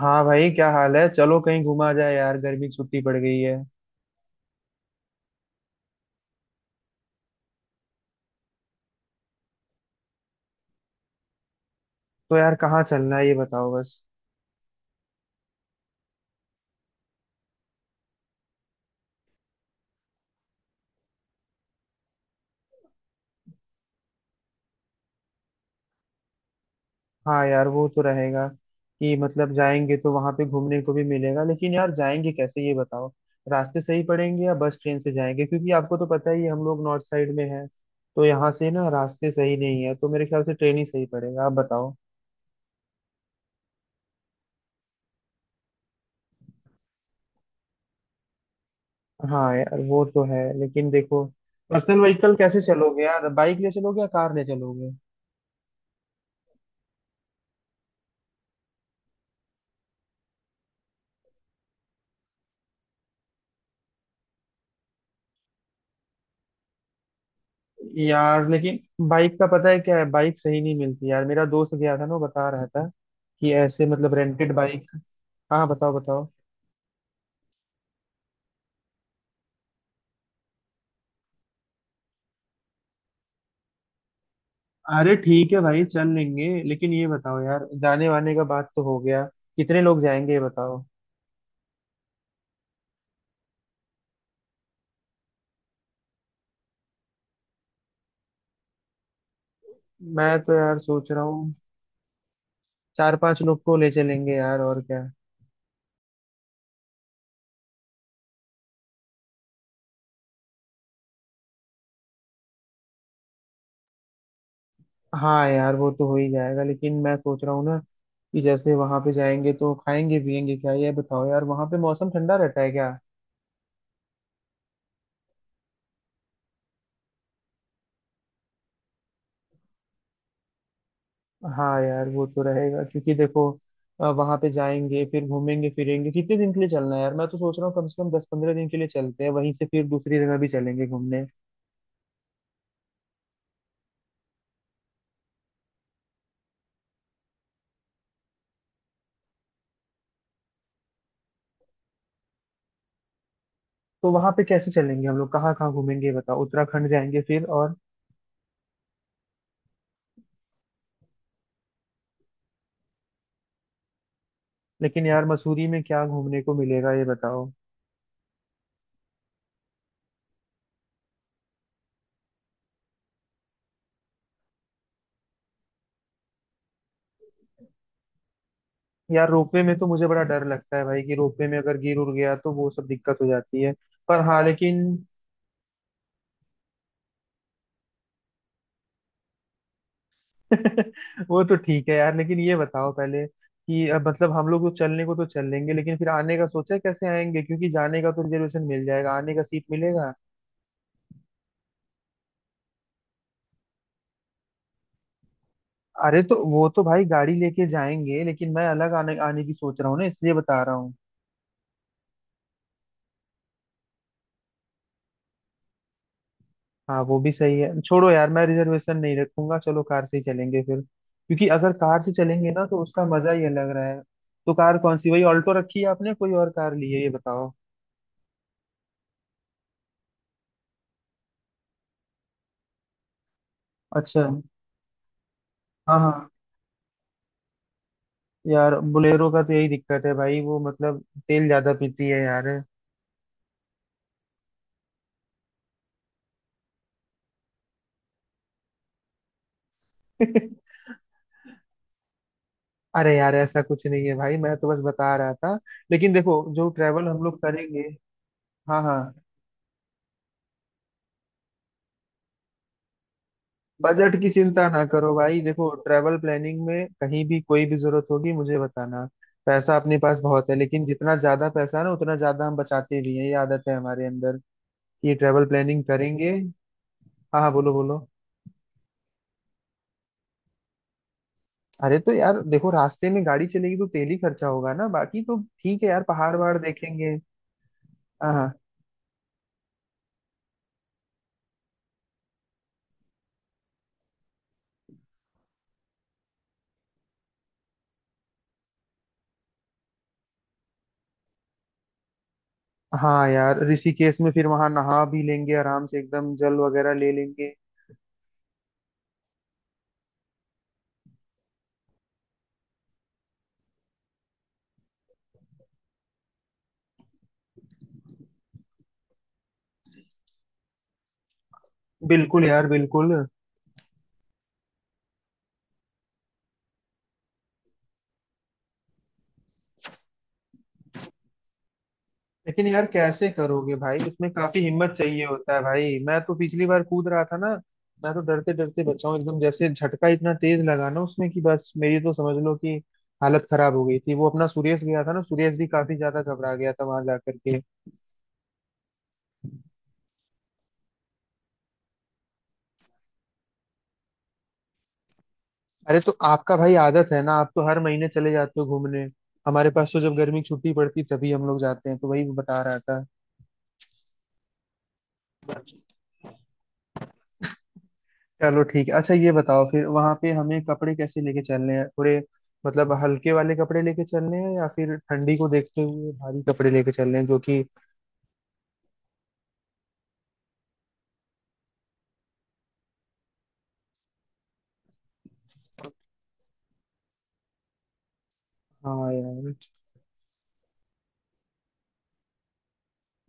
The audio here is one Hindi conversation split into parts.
हाँ भाई, क्या हाल है। चलो कहीं घुमा जाए यार, गर्मी की छुट्टी पड़ गई है। तो यार कहाँ चलना है ये बताओ बस। हाँ यार वो तो रहेगा कि मतलब जाएंगे तो वहां पे घूमने को भी मिलेगा, लेकिन यार जाएंगे कैसे ये बताओ। रास्ते सही पड़ेंगे या बस ट्रेन से जाएंगे, क्योंकि आपको तो पता ही है हम लोग नॉर्थ साइड में हैं। तो यहाँ से ना रास्ते सही नहीं है, तो मेरे ख्याल से ट्रेन ही सही पड़ेगा, आप बताओ। हाँ यार वो तो है, लेकिन देखो पर्सनल व्हीकल कैसे चलोगे यार? बाइक ले चलोगे या कार ले चलोगे? यार लेकिन बाइक का पता है क्या है, बाइक सही नहीं मिलती यार। मेरा दोस्त गया था ना वो बता रहा था कि ऐसे मतलब रेंटेड बाइक। हाँ बताओ बताओ। अरे ठीक है भाई चल लेंगे, लेकिन ये बताओ यार, जाने वाने का बात तो हो गया, कितने लोग जाएंगे ये बताओ। मैं तो यार सोच रहा हूँ चार पांच लोग को ले चलेंगे यार और क्या। हाँ यार वो तो हो ही जाएगा, लेकिन मैं सोच रहा हूँ ना कि जैसे वहां पे जाएंगे तो खाएंगे पियेंगे क्या ये बताओ यार, वहां पे मौसम ठंडा रहता है क्या? हाँ यार वो तो रहेगा क्योंकि देखो वहां पे जाएंगे फिर घूमेंगे फिरेंगे, कितने दिन के लिए चलना है यार? मैं तो सोच रहा हूँ कम से कम 10-15 दिन के लिए चलते हैं, वहीं से फिर दूसरी जगह भी चलेंगे घूमने। तो वहां पे कैसे चलेंगे हम लोग, कहाँ कहाँ घूमेंगे ये बताओ? उत्तराखंड जाएंगे फिर और लेकिन यार मसूरी में क्या घूमने को मिलेगा ये बताओ? यार रोपवे में तो मुझे बड़ा डर लगता है भाई, कि रोपवे में अगर गिर उड़ गया तो वो सब दिक्कत हो जाती है। पर हाँ लेकिन वो तो ठीक है यार, लेकिन ये बताओ पहले कि अब मतलब हम लोग तो चलने को तो चल लेंगे, लेकिन फिर आने का सोचा है कैसे आएंगे? क्योंकि जाने का तो रिजर्वेशन मिल जाएगा, आने का सीट मिलेगा? अरे तो वो तो भाई गाड़ी लेके जाएंगे, लेकिन मैं अलग आने आने की सोच रहा हूँ ना, इसलिए बता रहा हूँ। हाँ वो भी सही है, छोड़ो यार मैं रिजर्वेशन नहीं रखूंगा, चलो कार से ही चलेंगे फिर, क्योंकि अगर कार से चलेंगे ना तो उसका मजा ही अलग रहा है। तो कार कौन सी, वही ऑल्टो रखी है आपने कोई और कार ली है ये बताओ? अच्छा। हाँ हाँ, यार बोलेरो का तो यही दिक्कत है भाई, वो मतलब तेल ज्यादा पीती है यार अरे यार ऐसा कुछ नहीं है भाई, मैं तो बस बता रहा था, लेकिन देखो जो ट्रैवल हम लोग करेंगे। हाँ हाँ। बजट की चिंता ना करो भाई, देखो ट्रैवल प्लानिंग में कहीं भी कोई भी जरूरत होगी मुझे बताना। पैसा अपने पास बहुत है, लेकिन जितना ज्यादा पैसा है ना उतना ज्यादा हम बचाते भी हैं, ये आदत है हमारे अंदर। ये ट्रैवल प्लानिंग करेंगे। हाँ हाँ बोलो बोलो। अरे तो यार देखो, रास्ते में गाड़ी चलेगी तो तेल ही खर्चा होगा ना, बाकी तो ठीक है यार, पहाड़ वहाड़ देखेंगे। हाँ। हाँ यार ऋषिकेश में फिर वहां नहा भी लेंगे आराम से, एकदम जल वगैरह ले लेंगे। बिल्कुल यार बिल्कुल। लेकिन यार कैसे करोगे भाई, उसमें काफी हिम्मत चाहिए होता है भाई, मैं तो पिछली बार कूद रहा था ना। मैं तो डरते डरते बचा हूँ एकदम, जैसे झटका इतना तेज लगा ना उसमें कि बस मेरी तो समझ लो कि हालत खराब हो गई थी। वो अपना सुरेश गया था ना, सुरेश भी काफी ज्यादा घबरा गया था वहां जाकर के। अरे तो आपका भाई आदत है ना, आप तो हर महीने चले जाते हो घूमने। हमारे पास तो जब गर्मी की छुट्टी पड़ती तभी हम लोग जाते हैं, तो वही मैं बता रहा था। चलो ठीक है, अच्छा ये बताओ फिर वहां पे हमें कपड़े कैसे लेके चलने हैं थोड़े? मतलब हल्के वाले कपड़े लेके चलने हैं या फिर ठंडी को देखते हुए भारी कपड़े लेके चलने हैं जो कि। हाँ यार।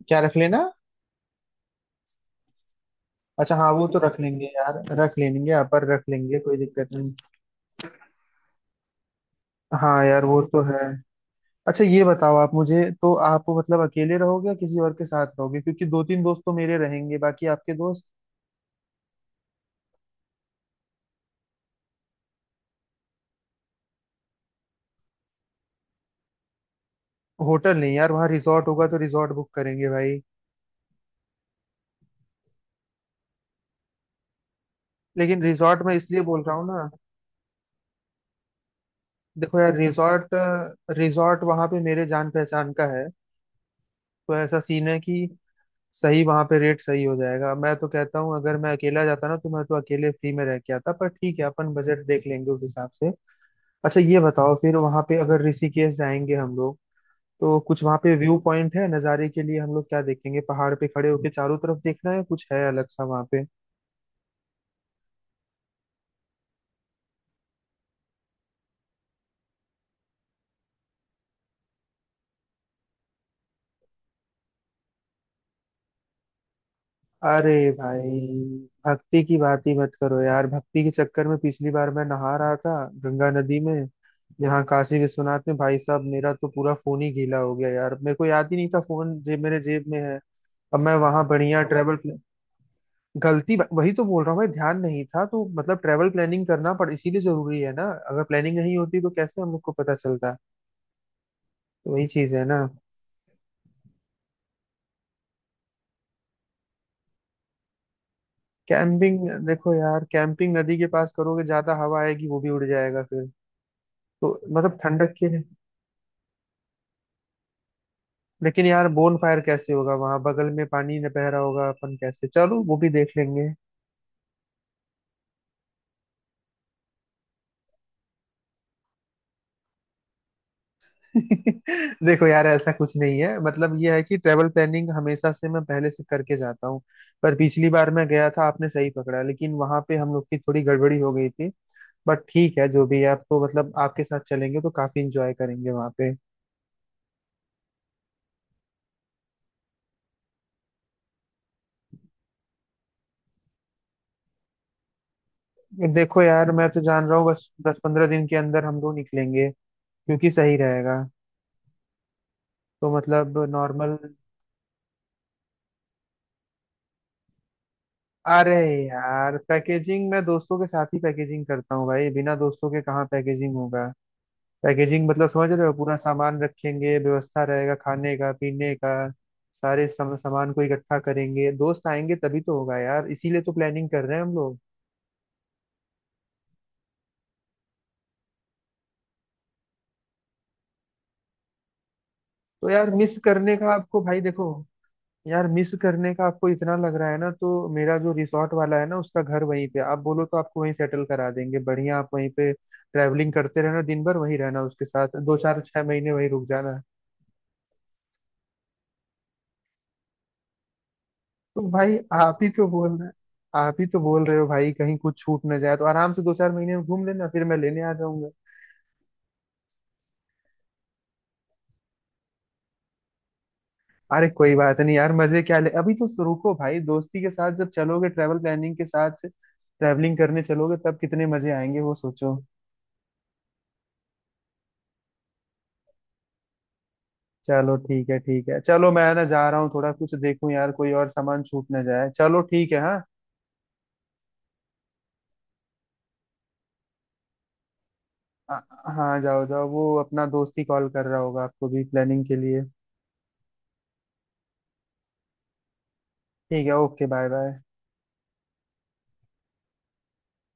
क्या रख लेना? अच्छा हाँ, वो तो रख लेंगे यार रख लेंगे, यहाँ पर रख लेंगे कोई दिक्कत नहीं। हाँ यार वो तो है। अच्छा ये बताओ आप, मुझे तो, आप मतलब अकेले रहोगे या किसी और के साथ रहोगे, क्योंकि दो तीन दोस्त तो मेरे रहेंगे बाकी आपके दोस्त। होटल नहीं यार, वहाँ रिजॉर्ट होगा तो रिजॉर्ट बुक करेंगे भाई। लेकिन रिजॉर्ट मैं इसलिए बोल रहा हूँ ना, देखो यार रिजॉर्ट रिजॉर्ट वहाँ पे मेरे जान पहचान का है, तो ऐसा सीन है कि सही वहाँ पे रेट सही हो जाएगा। मैं तो कहता हूँ अगर मैं अकेला जाता ना तो मैं तो अकेले फ्री में रह के आता, पर ठीक है अपन बजट देख लेंगे उस हिसाब से। अच्छा ये बताओ फिर वहाँ पे अगर ऋषिकेश जाएंगे हम लोग, तो कुछ वहां पे व्यू पॉइंट है नज़ारे के लिए हम लोग क्या देखेंगे? पहाड़ पे खड़े होके चारों तरफ देखना है, कुछ है अलग सा वहां पे? अरे भाई, भक्ति की बात ही मत करो यार, भक्ति के चक्कर में पिछली बार मैं नहा रहा था गंगा नदी में। यहाँ काशी विश्वनाथ में भाई साहब, मेरा तो पूरा फोन ही गीला हो गया यार, मेरे को याद ही नहीं था फोन जेब मेरे जेब में है। अब मैं वहां बढ़िया ट्रेवल प्लान गलती वही तो बोल रहा हूँ भाई, ध्यान नहीं था, तो मतलब ट्रेवल प्लानिंग करना पड़ इसीलिए जरूरी है ना, अगर प्लानिंग नहीं होती तो कैसे हम लोग को पता चलता? तो वही चीज है ना। कैंपिंग देखो यार, कैंपिंग नदी के पास करोगे ज्यादा हवा आएगी, वो भी उड़ जाएगा फिर, तो मतलब ठंडक के लिए। लेकिन यार बोन फायर कैसे होगा वहां, बगल में पानी न बह रहा होगा अपन कैसे? चलो वो भी देख लेंगे। देखो यार ऐसा कुछ नहीं है, मतलब ये है कि ट्रेवल प्लानिंग हमेशा से मैं पहले से करके जाता हूँ, पर पिछली बार मैं गया था आपने सही पकड़ा, लेकिन वहां पे हम लोग की थोड़ी गड़बड़ी हो गई थी, बट ठीक है जो भी है। आप तो मतलब आपके साथ चलेंगे तो काफी इंजॉय करेंगे वहां। देखो यार मैं तो जान रहा हूँ, बस दस पंद्रह दिन के अंदर हम लोग निकलेंगे क्योंकि सही रहेगा, तो मतलब नॉर्मल। अरे यार, पैकेजिंग मैं दोस्तों के साथ ही पैकेजिंग करता हूँ भाई, बिना दोस्तों के कहाँ पैकेजिंग होगा? पैकेजिंग मतलब समझ रहे हो, पूरा सामान रखेंगे, व्यवस्था रहेगा खाने का पीने का, सारे सामान को इकट्ठा करेंगे, दोस्त आएंगे तभी तो होगा यार, इसीलिए तो प्लानिंग कर रहे हैं हम लोग। तो यार मिस करने का आपको इतना लग रहा है ना, तो मेरा जो रिसोर्ट वाला है ना उसका घर वहीं पे, आप बोलो तो आपको वहीं सेटल करा देंगे बढ़िया, आप वहीं पे ट्रैवलिंग करते रहना दिन भर, वहीं रहना उसके साथ, दो चार छह महीने वहीं रुक जाना। तो भाई आप ही तो बोल रहे हो भाई कहीं कुछ छूट ना जाए, तो आराम से दो चार महीने में घूम लेना फिर मैं लेने आ जाऊंगा। अरे कोई बात नहीं यार, मजे क्या ले अभी तो, रुको भाई दोस्ती के साथ जब चलोगे, ट्रैवल प्लानिंग के साथ ट्रैवलिंग करने चलोगे तब कितने मजे आएंगे वो सोचो। चलो ठीक है ठीक है, चलो मैं ना जा रहा हूँ थोड़ा, कुछ देखूं यार कोई और सामान छूट ना जाए, चलो ठीक है हाँ। आ- हाँ जाओ जाओ, वो अपना दोस्त ही कॉल कर रहा होगा आपको भी प्लानिंग के लिए। ठीक है, ओके बाय बाय।